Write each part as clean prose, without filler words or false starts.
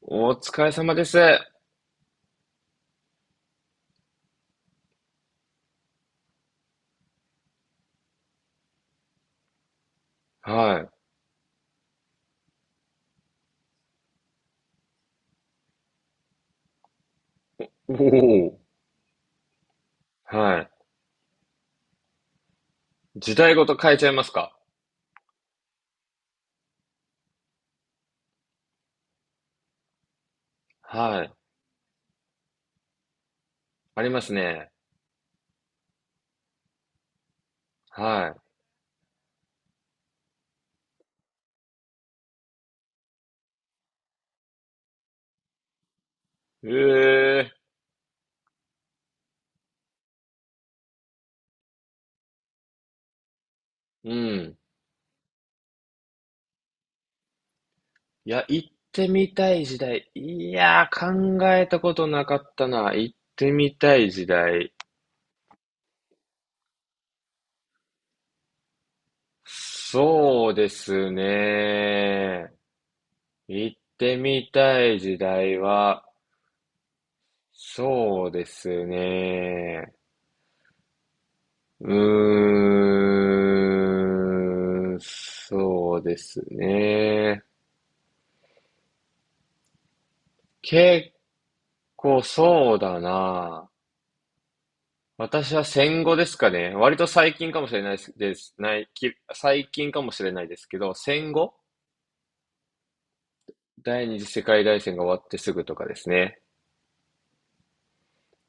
お疲れ様です。はい。おお。はい。時代ごと変えちゃいますか？はい。ありますね。はい。ええ、うん。いや、行ってみたい時代。いやー、考えたことなかったな。行ってみたい時代。そうですね。行ってみたい時代は、そうですね。そうですね。結構そうだな。私は戦後ですかね。割と最近かもしれないです、ですないき最近かもしれないですけど、戦後、第二次世界大戦が終わってすぐとかですね。っ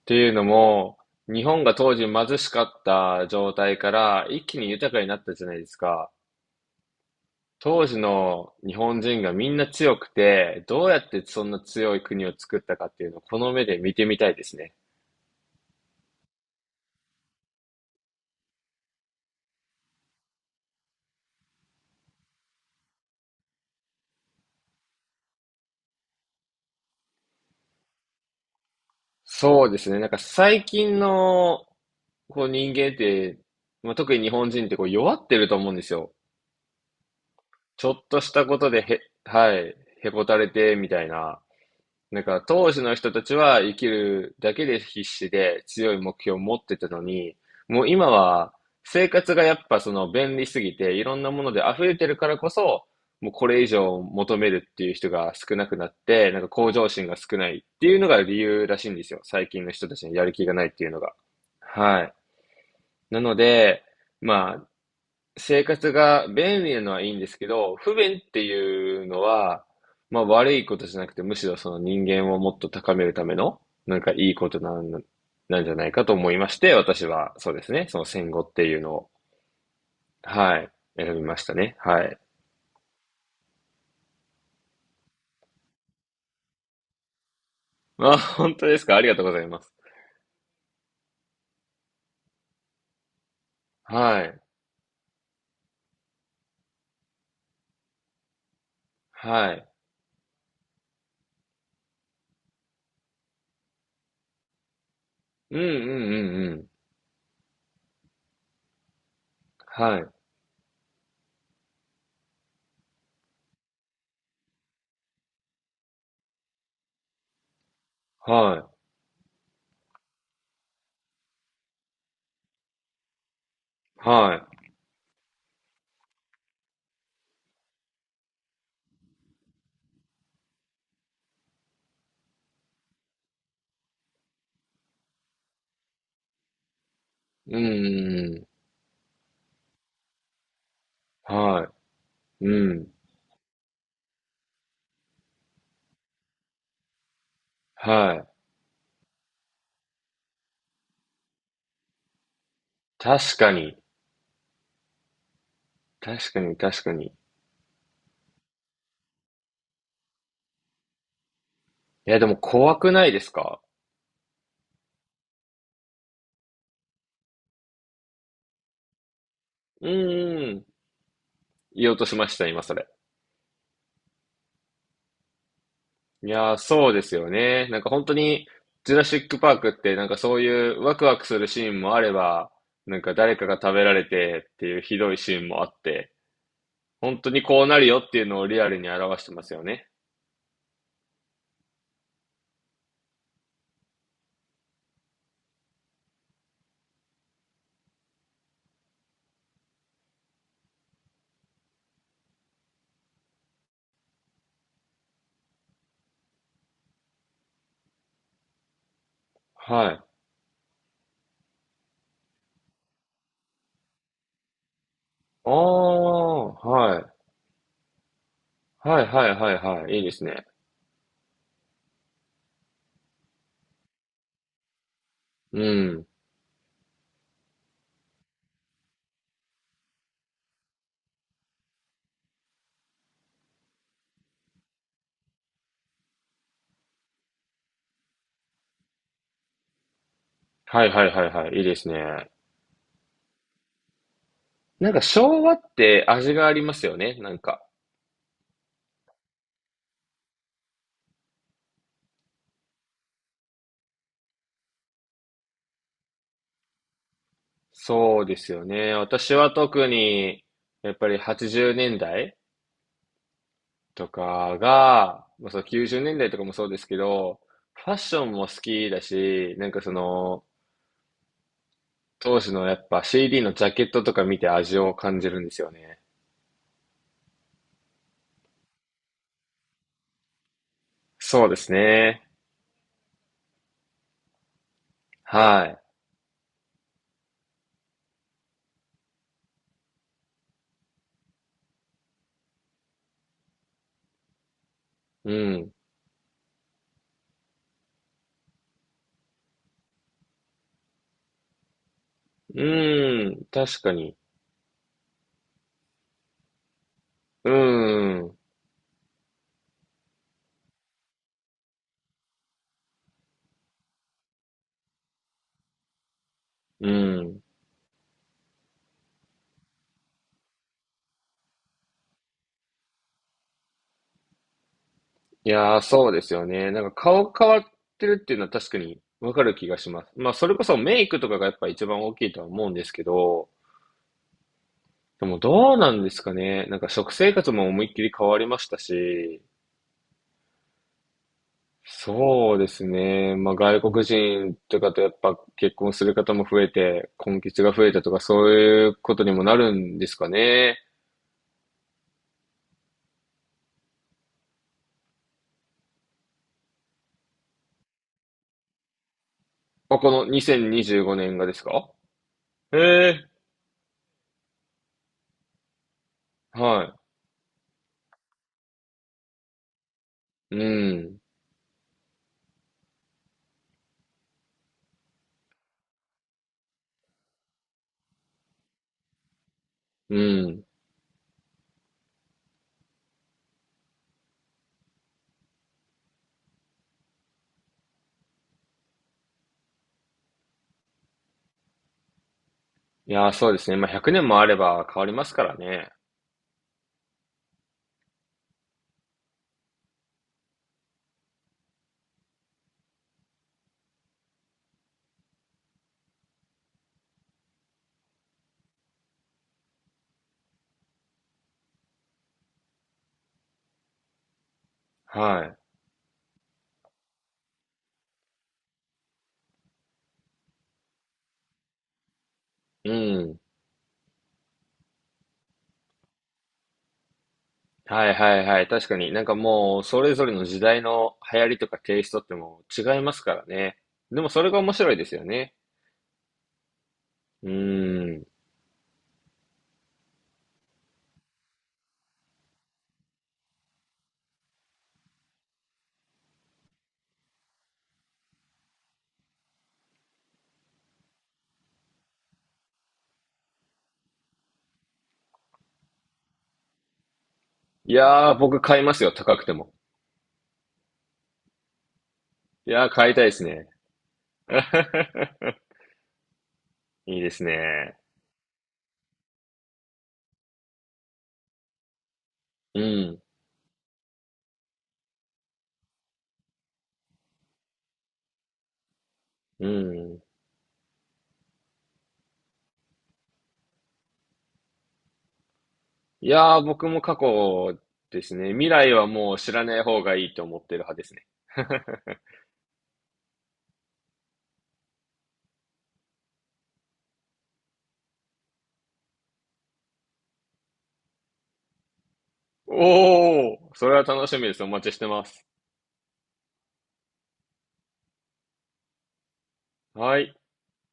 ていうのも、日本が当時貧しかった状態から一気に豊かになったじゃないですか。当時の日本人がみんな強くて、どうやってそんな強い国を作ったかっていうのをこの目で見てみたいですね。そうですね。なんか最近のこう人間って、まあ、特に日本人ってこう弱ってると思うんですよ。ちょっとしたことでへ、はい、へこたれてみたいな。なんか当時の人たちは生きるだけで必死で強い目標を持ってたのに、もう今は生活がやっぱその便利すぎていろんなもので溢れてるからこそ、もうこれ以上求めるっていう人が少なくなって、なんか向上心が少ないっていうのが理由らしいんですよ。最近の人たちにやる気がないっていうのが。はい。なので、まあ生活が便利なのはいいんですけど、不便っていうのは、まあ悪いことじゃなくて、むしろその人間をもっと高めるための、なんかいいことなん、なんじゃないかと思いまして、私はそうですね、その戦後っていうのを、はい、選びましたね。はい。まあ、本当ですか？ありがとうございます。はい。はい。うんうんうんうん。はい。はい。はい。うんうんうん。はい。うん。はい。確かに。確かに確かに。いや、でも怖くないですか？うんん。言おうとしました、今それ。いやー、そうですよね。なんか本当に、ジュラシックパークってなんかそういうワクワクするシーンもあれば、なんか誰かが食べられてっていうひどいシーンもあって、本当にこうなるよっていうのをリアルに表してますよね。はい。ああ、はい。はいはいはいはい。いいですね。うん。はいはいはいはい。いいですね。なんか昭和って味がありますよね。なんか。そうですよね。私は特に、やっぱり80年代とかが、まあ、そう90年代とかもそうですけど、ファッションも好きだし、なんかその、当時のやっぱ CD のジャケットとか見て味を感じるんですよね。そうですね。はい。うん。うん。確かに。うん。うん。いやー、そうですよね。なんか顔変わってるっていうのは確かにわかる気がします。まあ、それこそメイクとかがやっぱ一番大きいとは思うんですけど、でもどうなんですかね。なんか食生活も思いっきり変わりましたし、そうですね。まあ、外国人とかとやっぱ結婚する方も増えて、婚活が増えたとかそういうことにもなるんですかね。まあ、この2025年がですか？ええ、はい。うん、うん。いやー、そうですね。まあ、100年もあれば変わりますからね。はい。うん。はいはいはい。確かに。なんかもう、それぞれの時代の流行りとかテイストってもう違いますからね。でもそれが面白いですよね。うん。いやー、僕買いますよ。高くても。いやー、買いたいですね。いいですね。うん。うん。いやー、僕も過去ですね。未来はもう知らない方がいいと思ってる派ですね。おー、それは楽しみです。お待ちしてます。はい。